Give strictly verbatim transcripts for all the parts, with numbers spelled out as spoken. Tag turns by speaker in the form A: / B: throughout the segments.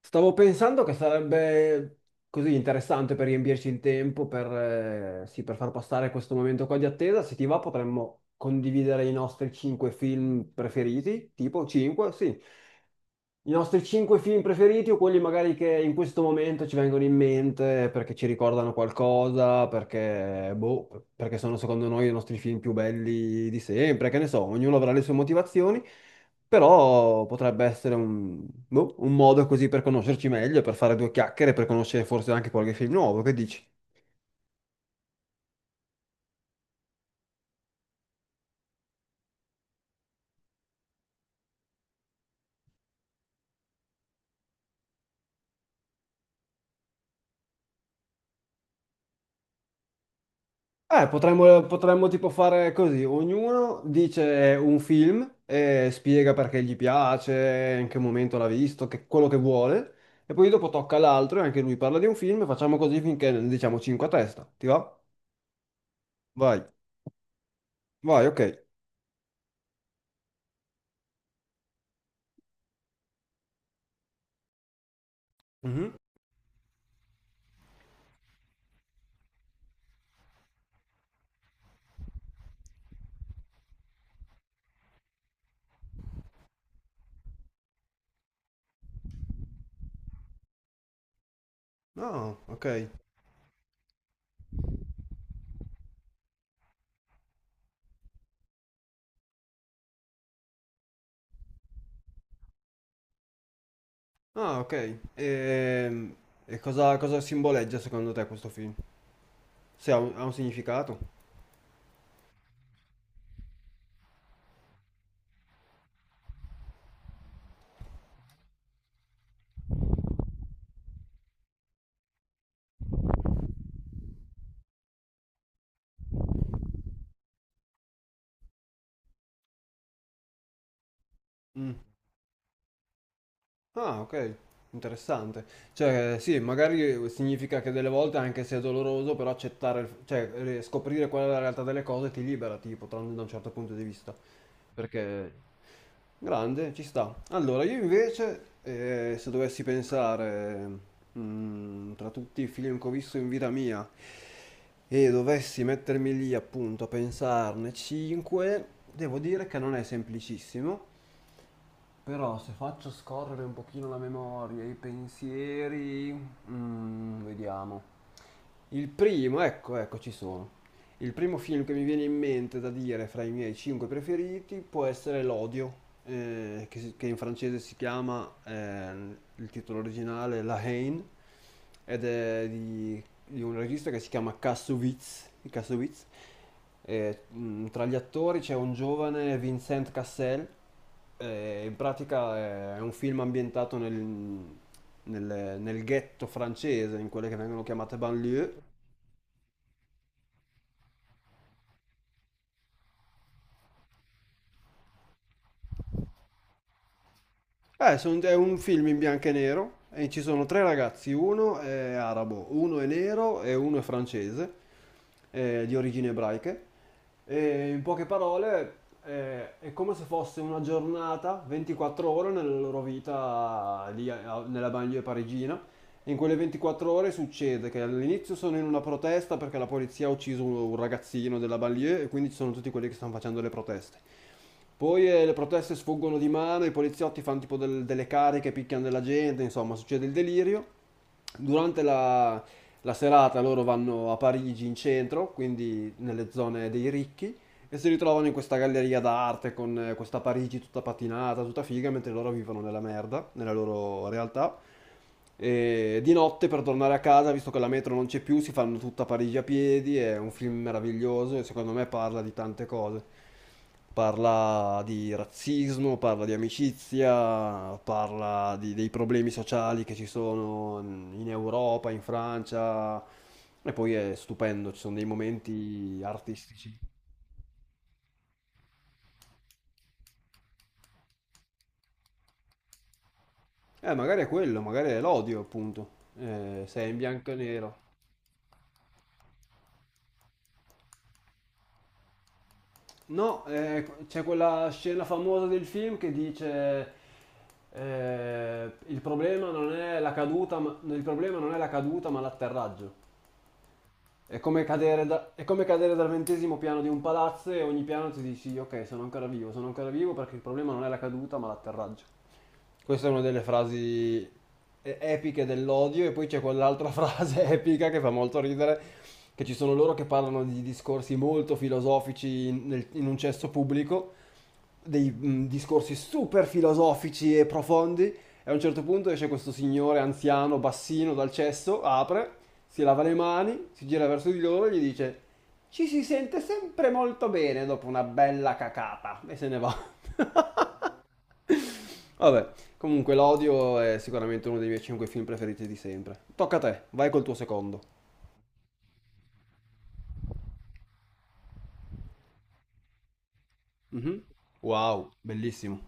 A: Stavo pensando che sarebbe così interessante per riempirci il tempo, per, eh, sì, per far passare questo momento qua di attesa. Se ti va, potremmo condividere i nostri cinque film preferiti, tipo cinque, sì. I nostri cinque film preferiti o quelli magari che in questo momento ci vengono in mente perché ci ricordano qualcosa, perché, boh, perché sono secondo noi i nostri film più belli di sempre, che ne so, ognuno avrà le sue motivazioni, però potrebbe essere un, boh, un modo così per conoscerci meglio, per fare due chiacchiere, per conoscere forse anche qualche film nuovo, che dici? Eh, potremmo, potremmo tipo fare così, ognuno dice un film e spiega perché gli piace, in che momento l'ha visto, che- quello che vuole, e poi dopo tocca all'altro e anche lui parla di un film e facciamo così finché ne diciamo cinque a testa, ti va? Vai, vai, ok. Mhm. Ah, ok. Ah, ok. Ehm, E, cosa, cosa simboleggia secondo te questo film? Se ha un, ha un significato? Ah, ok, interessante. Cioè, sì, magari significa che delle volte, anche se è doloroso, però accettare, il- cioè, re- scoprire qual è la realtà delle cose ti libera, tipo, tra- da un certo punto di vista. Perché, grande, ci sta. Allora, io invece, eh, se dovessi pensare, mm, tra tutti i film che ho visto in vita mia, e dovessi mettermi lì appunto a pensarne cinque, devo dire che non è semplicissimo. Però se faccio scorrere un pochino la memoria, i pensieri, mm, vediamo. Il primo, ecco, ecco, ci sono. Il primo film che mi viene in mente da dire fra i miei cinque preferiti può essere L'Odio, eh, che, si- che in francese si chiama, eh, il titolo originale, La Haine, ed è di di un regista che si chiama Kassovitz. Kassovitz. E, mh, tra gli attori c'è un giovane Vincent Cassel. E in pratica è è un film ambientato nel, nel- nel ghetto francese, in quelle che vengono chiamate banlieue. Eh, son- è un film in bianco e nero e ci sono tre ragazzi, uno è arabo, uno è nero e uno è francese, eh, di origini ebraiche. E in poche parole, eh, è come se fosse una giornata, ventiquattro ore nella loro vita lì a- nella banlieue parigina. E in quelle ventiquattro ore succede che all'inizio sono in una protesta perché la polizia ha ucciso un un ragazzino della banlieue e quindi ci sono tutti quelli che stanno facendo le proteste. Poi eh, le proteste sfuggono di mano, i poliziotti fanno tipo del- delle cariche, picchiano della gente, insomma, succede il delirio. Durante la, la serata loro vanno a Parigi in centro, quindi nelle zone dei ricchi, e si ritrovano in questa galleria d'arte con eh, questa Parigi tutta patinata, tutta figa, mentre loro vivono nella merda, nella loro realtà. E di notte per tornare a casa, visto che la metro non c'è più, si fanno tutta Parigi a piedi. È un film meraviglioso e secondo me parla di tante cose. Parla di razzismo, parla di amicizia, parla di- dei problemi sociali che ci sono in Europa, in Francia. E poi è stupendo, ci sono dei momenti artistici. Eh, magari è quello, magari è l'odio, appunto. Eh, sei in bianco e nero. No, eh, c'è quella scena famosa del film che dice eh, il problema non è la caduta, ma, il problema non è la caduta, ma l'atterraggio. È come cadere, da- è come cadere dal ventesimo piano di un palazzo e ogni piano ti dici ok, sono ancora vivo, sono ancora vivo perché il problema non è la caduta, ma l'atterraggio. Questa è una delle frasi e- epiche dell'odio e poi c'è quell'altra frase epica che fa molto ridere, che ci sono loro che parlano di discorsi molto filosofici in, nel- in un cesso pubblico, dei mh, discorsi super filosofici e profondi e a un certo punto esce questo signore anziano, bassino dal cesso, apre, si lava le mani, si gira verso di loro e gli dice ci si sente sempre molto bene dopo una bella cacata e se ne va. Vabbè, comunque, L'Odio è sicuramente uno dei miei cinque film preferiti di sempre. Tocca a te, vai col tuo secondo. Mhm. Wow, bellissimo.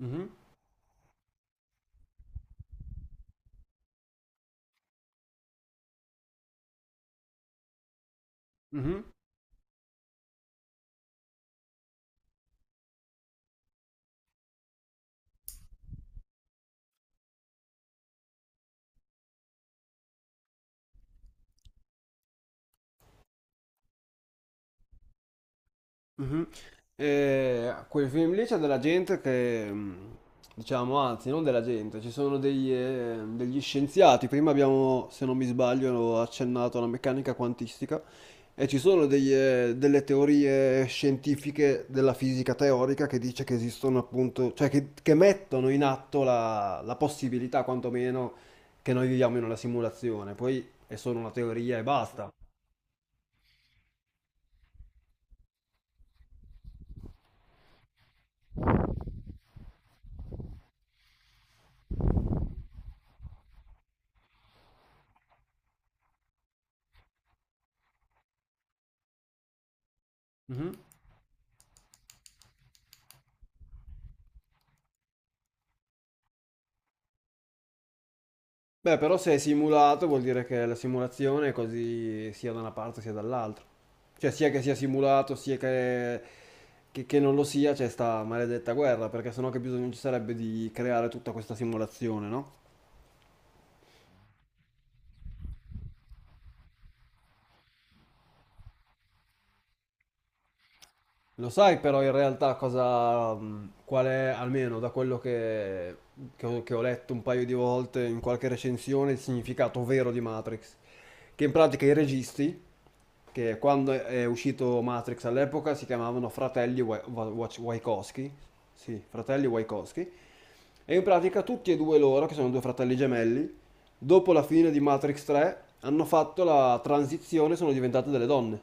A: Mhm, mhm. Mhm. E a quei film lì c'è della gente che, mh, diciamo, anzi, non della gente, ci sono degli, eh, degli scienziati. Prima abbiamo, se non mi sbaglio, accennato alla meccanica quantistica e ci sono degli, eh, delle teorie scientifiche della fisica teorica che dice che esistono appunto, cioè che, che mettono in atto la, la possibilità, quantomeno, che noi viviamo in una simulazione. Poi è solo una teoria e basta. Mhm. Beh, però se è simulato vuol dire che la simulazione è così sia da una parte sia dall'altra. Cioè sia che sia simulato, sia che, che- che non lo sia, c'è sta maledetta guerra, perché sennò che bisogno ci sarebbe di creare tutta questa simulazione, no? Lo sai però in realtà cosa, mh, qual è, almeno da quello che, che ho, che ho letto un paio di volte in qualche recensione, il significato vero di Matrix? Che in pratica i registi, che quando è è uscito Matrix all'epoca si chiamavano fratelli Wa- Wa- Wach- Wachowski, sì, fratelli Wachowski, e in pratica tutti e due loro, che sono due fratelli gemelli, dopo la fine di Matrix tre hanno fatto la transizione, sono diventate delle donne.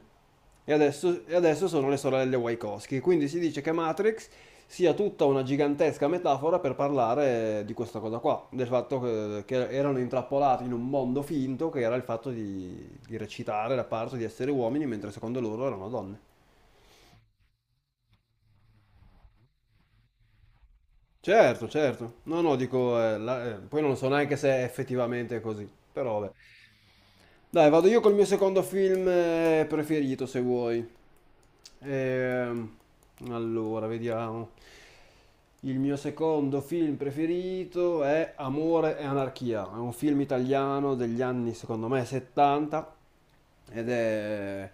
A: E adesso, e adesso sono le sorelle Wachowski. Quindi si dice che Matrix sia tutta una gigantesca metafora per parlare di questa cosa qua, del fatto che, che erano intrappolati in un mondo finto che era il fatto di, di recitare la parte di essere uomini, mentre secondo loro erano donne. Certo, certo. No, no, dico, eh, la- eh, poi non so neanche se è effettivamente così, però vabbè. Dai, vado io col mio secondo film eh, preferito, se vuoi. Ehm, allora, vediamo. Il mio secondo film preferito è Amore e anarchia. È un film italiano degli anni, secondo me, settanta ed è...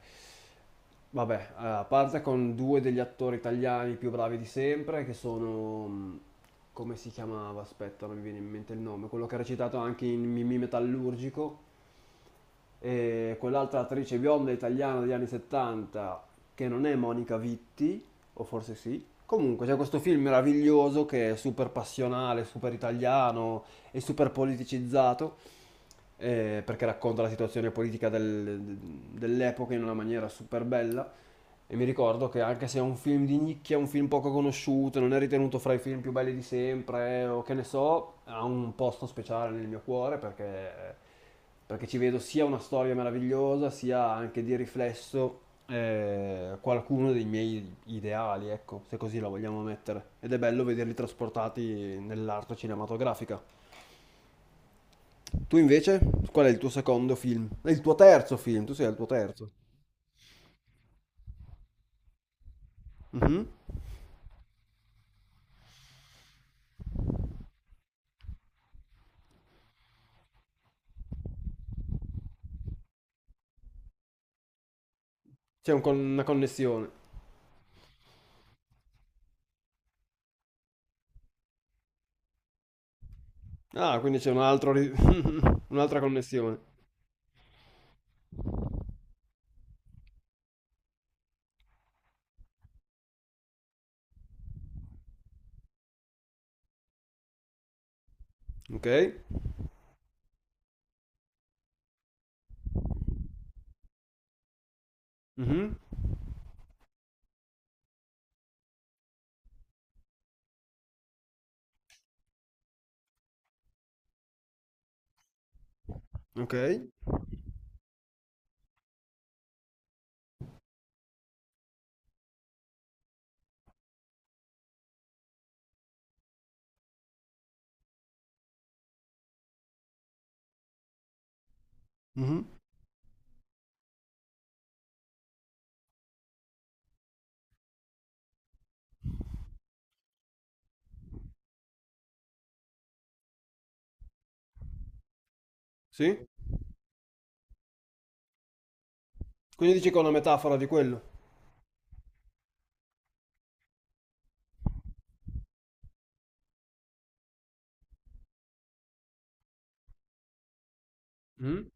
A: Vabbè, a parte con due degli attori italiani più bravi di sempre, che sono... mh, come si chiamava? Aspetta, non mi viene in mente il nome. Quello che ha recitato anche in Mimì Metallurgico. E quell'altra attrice bionda italiana degli anni settanta che non è Monica Vitti, o forse sì. Comunque c'è questo film meraviglioso che è super passionale, super italiano e super politicizzato eh, perché racconta la situazione politica del- dell'epoca in una maniera super bella. E mi ricordo che anche se è un film di nicchia, un film poco conosciuto, non è ritenuto fra i film più belli di sempre, eh, o che ne so, ha un posto speciale nel mio cuore perché, perché, ci vedo sia una storia meravigliosa, sia anche di riflesso eh, qualcuno dei miei ideali, ecco, se così la vogliamo mettere. Ed è bello vederli trasportati nell'arte cinematografica. Tu invece, qual è il tuo secondo film? È il tuo terzo film, tu sei al tuo terzo. Mhm. C'è un con- una connessione. Ah, quindi c'è un altro ri- un'altra connessione. Ok. Mhm. Ok. Mhm. Sì. Quindi dici che è una metafora di quello. Mhm.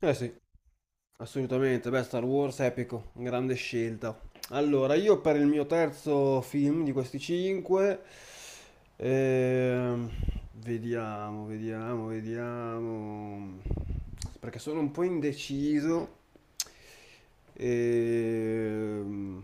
A: Eh sì, assolutamente. Beh, Star Wars epico, grande scelta. Allora, io per il mio terzo film di questi cinque, ehm, vediamo, vediamo, vediamo, perché sono un po' indeciso. Ehm,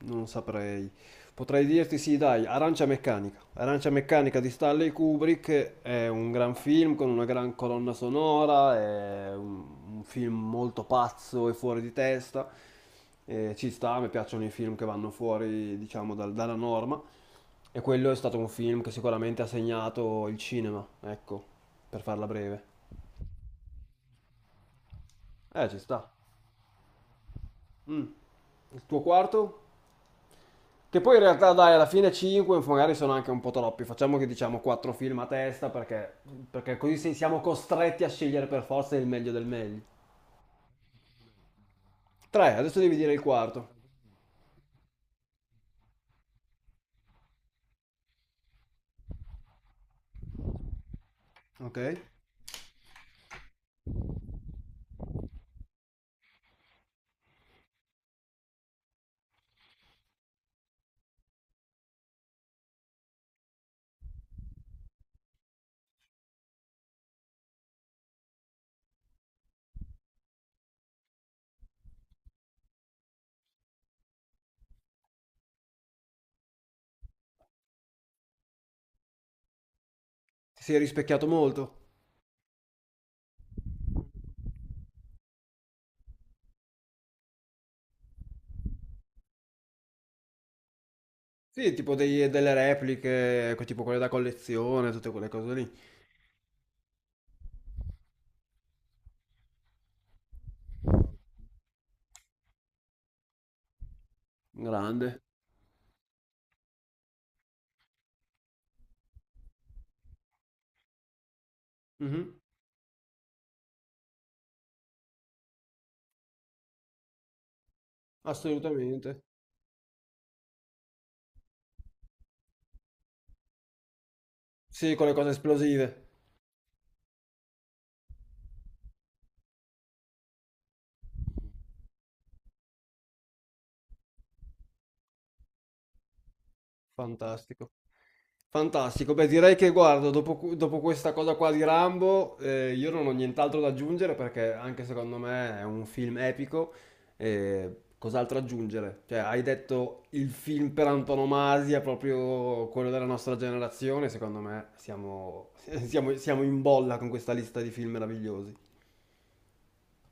A: non saprei. Potrei dirti sì, dai, Arancia Meccanica. Arancia Meccanica di Stanley Kubrick è un gran film con una gran colonna sonora, è un, un film molto pazzo e fuori di testa. Eh, ci sta, mi piacciono i film che vanno fuori, diciamo, dal- dalla norma. E quello è stato un film che sicuramente ha segnato il cinema, ecco, per farla breve. Eh, ci sta. Mm. Il tuo quarto? Che poi in realtà dai, alla fine cinque magari sono anche un po' troppi, facciamo che diciamo quattro film a testa perché, perché, così si- siamo costretti a scegliere per forza il meglio del meglio. tre, adesso devi dire il quarto. Ok. Ti sei rispecchiato molto? Sì, tipo dei- delle repliche, ecco, tipo quelle da collezione, tutte quelle cose lì. Grande. Mhm, assolutamente. Sì, con le cose esplosive. Fantastico. Fantastico, beh direi che guardo, dopo, cu- dopo questa cosa qua di Rambo, eh, io non ho nient'altro da aggiungere perché anche secondo me è un film epico, eh, cos'altro aggiungere? Cioè, hai detto il film per antonomasia, proprio quello della nostra generazione, secondo me siamo, siamo siamo in bolla con questa lista di film meravigliosi.